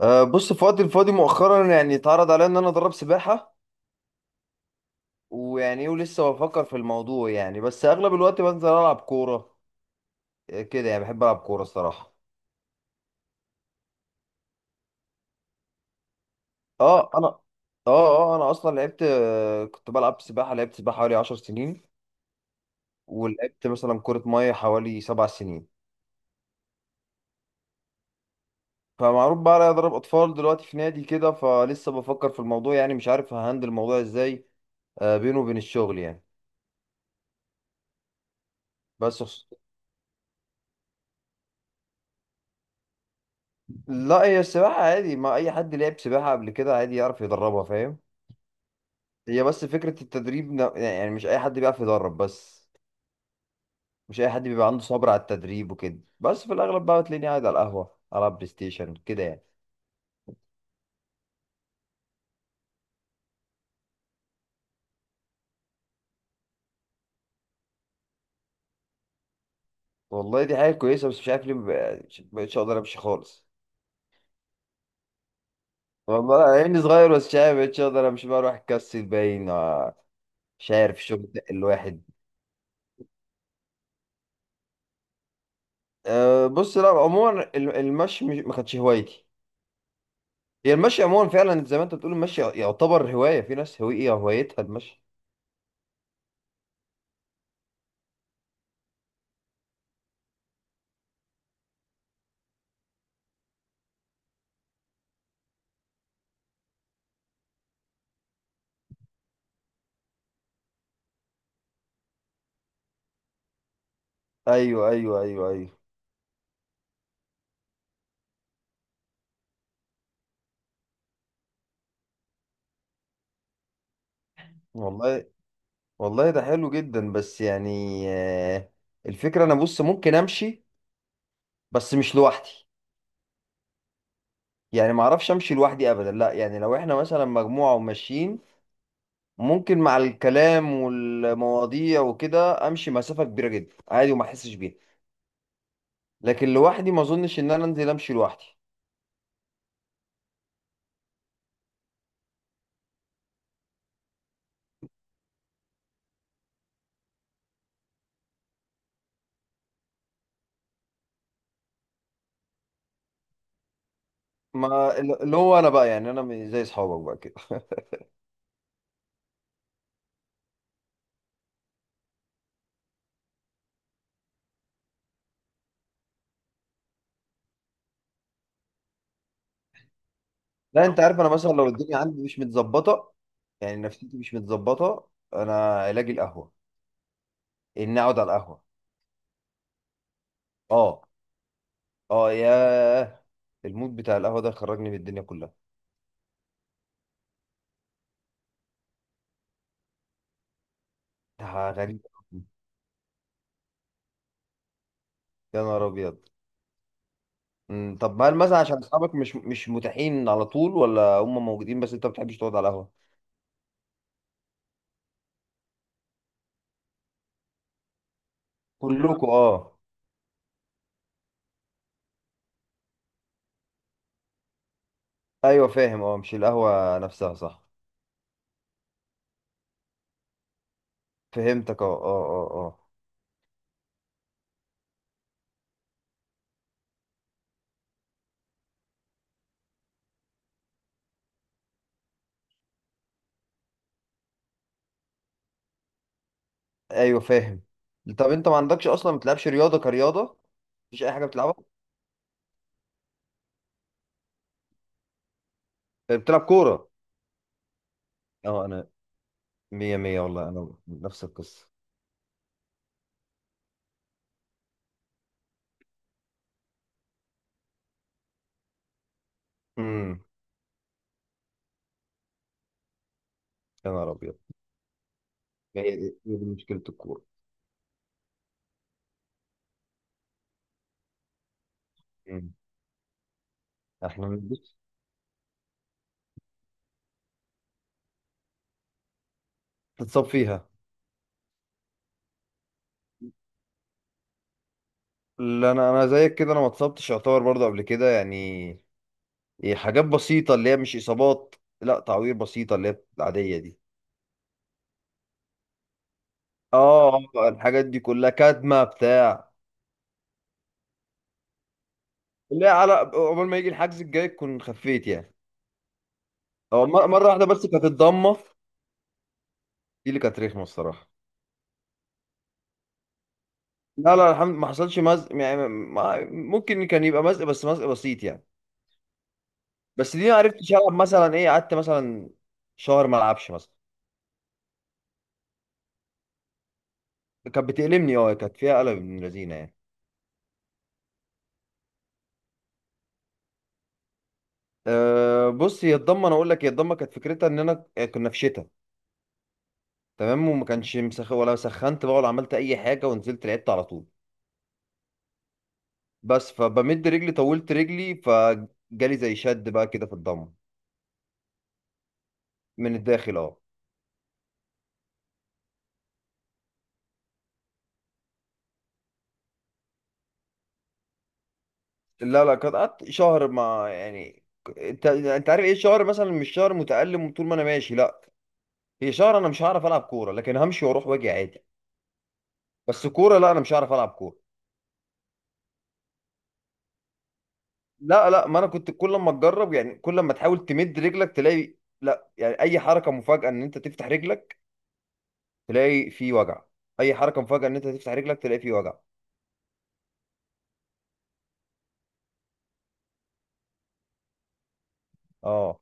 بص في وقتي الفاضي مؤخرا اتعرض عليا ان انا ادرب سباحه ويعني ايه ولسه بفكر في الموضوع يعني بس اغلب الوقت بنزل العب كوره، كده يعني بحب العب كوره الصراحه. اه انا اه اه انا اصلا لعبت، كنت بلعب سباحه، لعبت سباحه حوالي 10 سنين ولعبت مثلا كره ميه حوالي 7 سنين. فمعروف بقى عليا اضرب اطفال دلوقتي في نادي كده، فلسه بفكر في الموضوع يعني مش عارف ههندل الموضوع ازاي بينه وبين الشغل يعني. بس لا، هي السباحة عادي، ما أي حد لعب سباحة قبل كده عادي يعرف يدربها، فاهم؟ هي بس فكرة التدريب، يعني مش أي حد بيعرف يدرب بس. مش أي حد بيبقى عنده صبر على التدريب وكده، بس في الأغلب بقى تلاقيني قاعد على القهوة ألعب بلاي ستيشن كده يعني. والله دي حاجة كويسة، بس مش عارف ليه مبقتش أقدر أمشي خالص. والله أنا عيني صغير، بس مش عارف مبقتش أقدر أمشي، بقى أروح أكسل باين مش عارف الشغل ده الواحد. بص، لا عموما المشي ما كانتش هوايتي. هي المشي عموما فعلا زي ما انت بتقول، المشي يعتبر هواية، في ناس هوية هوايتها المشي. ايوه ايوه ايوه ايوه، والله. والله ده حلو جدا، بس يعني الفكرة انا بص ممكن امشي بس مش لوحدي. يعني ما اعرفش امشي لوحدي ابدا، لا يعني لو احنا مثلا مجموعة وماشيين ممكن مع الكلام والمواضيع وكده امشي مسافة كبيرة جدا عادي وما احسش بيها. لكن لوحدي ما اظنش ان انا انزل امشي لوحدي. ما اللي هو انا بقى يعني انا زي اصحابك بقى كده. لا انت عارف، انا مثلا لو الدنيا عندي مش متظبطه، يعني نفسيتي مش متظبطه، انا علاجي القهوه، ان اقعد على القهوه. اه. اه ياه، المود بتاع القهوه ده خرجني من الدنيا كلها. ده غريب أوي. يا نهار ابيض. طب هل مثلا عشان اصحابك مش مش متاحين على طول، ولا هم موجودين بس انت ما بتحبش تقعد على القهوه؟ كلكم اه؟ ايوه فاهم، اه مش القهوه نفسها صح. فهمتك اه اه اه. اه ايوه فاهم. طب انت ما عندكش اصلا، ما بتلعبش رياضه كرياضه؟ مفيش اي حاجه بتلعبها؟ بتلعب كوره؟ اه انا مية مية والله، انا نفس القصة. امم. يا نهار ابيض. هي هي دي مشكلة الكورة. امم. احنا بنبص. تتصاب فيها. لا انا انا زيك كده، انا ما اتصبتش يعتبر برضه قبل كده يعني. إيه حاجات بسيطة اللي هي مش اصابات. لا تعوير بسيطة اللي هي العادية دي. اه، الحاجات دي كلها كدمة بتاع. اللي هي على قبل ما يجي الحجز الجاي تكون خفيت يعني. اه، مرة واحدة بس كانت الضمة، دي اللي كانت رخمة الصراحة. لا لا الحمد ما حصلش مزق، يعني ممكن كان يبقى مزق بس مزق بسيط يعني. بس دي ما عرفتش العب مثلا، ايه قعدت مثلا شهر ما العبش مثلا. كانت بتألمني اه، كانت فيها قلب من لذينه يعني. بص، هي الضمه انا اقول لك، هي الضمه كانت فكرتها ان انا كنا في شتاء، تمام، وما كانش مسخ ولا سخنت بقى ولا عملت اي حاجه، ونزلت لعبت على طول. بس فبمد رجلي طولت رجلي فجالي زي شد بقى كده في الضمه. من الداخل اه. لا لا كانت قعدت شهر، ما يعني انت عارف ايه الشهر مثلا مش شهر متألم، طول ما انا ماشي لا. هي شهر انا مش هعرف العب كوره، لكن همشي واروح واجي عادي. بس كوره لا انا مش هعرف العب كوره. لا لا، ما انا كنت كل ما تجرب، يعني كل ما تحاول تمد رجلك تلاقي، لا يعني اي حركه مفاجاه ان انت تفتح رجلك تلاقي في وجع. اي حركه مفاجاه ان انت تفتح رجلك تلاقي في وجع. اه.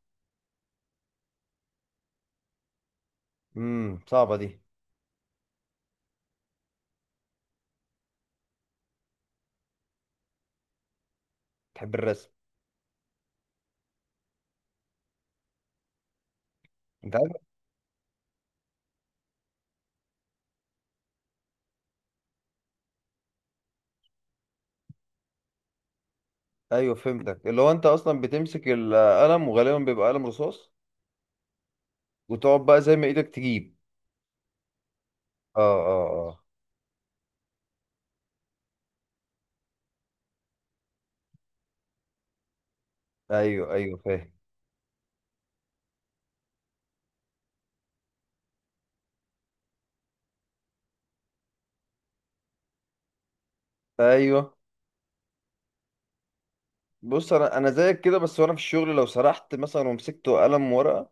صعبه دي. تحب الرسم. انت عارف. ايوه فهمتك، اللي هو انت اصلا بتمسك القلم وغالبا بيبقى قلم رصاص وتقعد بقى زي ما ايدك تجيب. اه اه اه. ايوه ايوه فاهم. ايوه. بص انا زيك كده، بس وانا في الشغل لو سرحت مثلا ومسكت قلم ورقه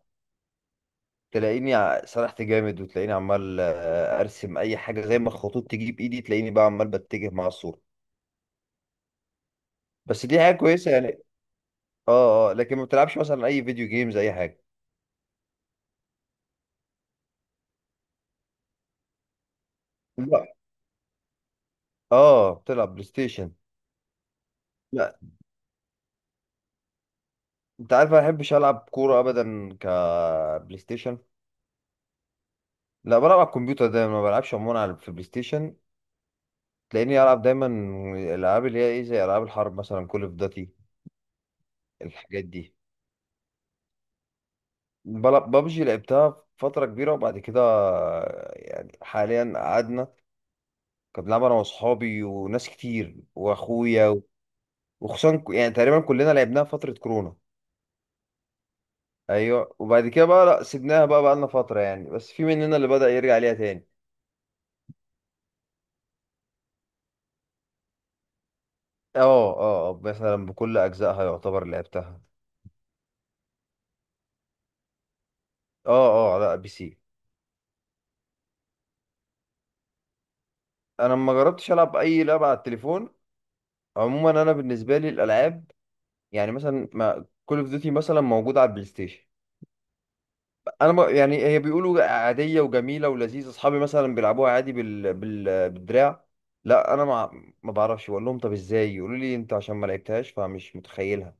تلاقيني سرحت جامد، وتلاقيني عمال ارسم اي حاجه زي ما الخطوط تيجي بايدي، تلاقيني بقى عمال بتجه مع الصوره. بس دي حاجه كويسه يعني. اه اه، لكن ما بتلعبش مثلا اي فيديو جيمز اي حاجه؟ لا. اه بتلعب بلاي ستيشن؟ لا انت عارف انا ما بحبش العب كوره ابدا كبلاي ستيشن. لا بلعب على الكمبيوتر ده، ما بلعبش عموما على في بلاي ستيشن. تلاقيني العب دايما الالعاب اللي هي ايه زي العاب الحرب مثلا كول اوف داتي، الحاجات دي. ببجي لعبتها فتره كبيره، وبعد كده يعني حاليا قعدنا. كنت بلعب انا واصحابي وناس كتير واخويا، وخصوصا يعني تقريبا كلنا لعبناها فتره كورونا. ايوه وبعد كده بقى لا سيبناها، بقى بقى لنا فتره يعني، بس في مننا اللي بدأ يرجع ليها تاني. اه. اه مثلا بكل اجزائها يعتبر لعبتها. اه اه لا بي سي. انا ما جربتش العب اي لعبه على التليفون. عموما انا بالنسبه لي الالعاب، يعني مثلا ما كول اوف ديوتي مثلا موجودة على البلاي ستيشن، انا ما يعني هي بيقولوا عادية وجميلة ولذيذة، اصحابي مثلا بيلعبوها عادي بالدراع. لا انا ما بعرفش، بقول لهم طب ازاي، يقولوا لي انت عشان ما لعبتهاش فمش متخيلها.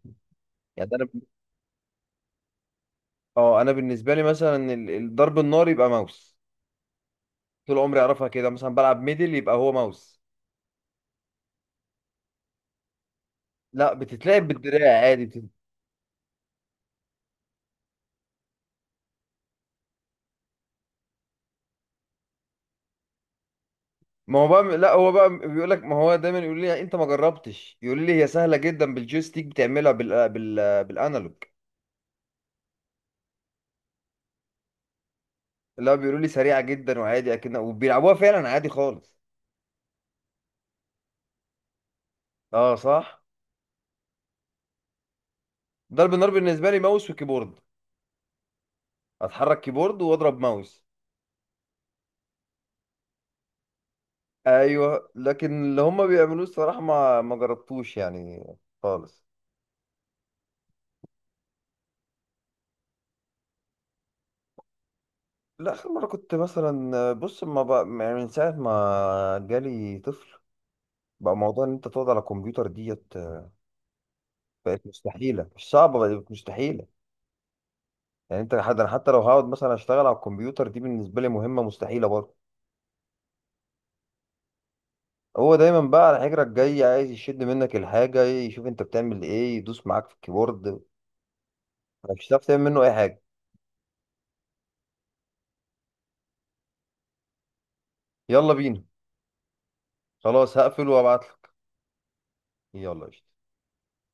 يعني انا اه انا بالنسبة لي مثلا الضرب النار يبقى ماوس. طول عمري اعرفها كده، مثلا بلعب ميدل يبقى هو ماوس. لا بتتلعب بالدراع عادي ما هو بقى، لا هو بقى بيقول لك، ما هو دايما يقول لي انت ما جربتش، يقول لي هي سهله جدا بالجويستيك بتعملها بالانالوج. لا بيقولوا لي سريعه جدا وعادي اكن، وبيلعبوها فعلا عادي خالص. اه صح. ضرب النار بالنسبه لي ماوس وكيبورد، اتحرك كيبورد واضرب ماوس. ايوه لكن اللي هم بيعملوه الصراحه ما جربتوش يعني خالص. لا اخر مره كنت مثلا بص، ما بقى يعني من ساعه ما جالي طفل بقى موضوع ان انت تقعد على كمبيوتر ديت بقت مستحيله. مش صعبه بقت مستحيله. يعني انت حد، انا حتى لو هقعد مثلا اشتغل على الكمبيوتر دي بالنسبه لي مهمه مستحيله برضه. هو دايما بقى على حجرك جاي عايز يشد منك الحاجة، يشوف انت بتعمل ايه، يدوس معاك في الكيبورد، مش هتعرف تعمل منه اي حاجة. يلا بينا. خلاص هقفل وابعتلك. يلا يا شيخ.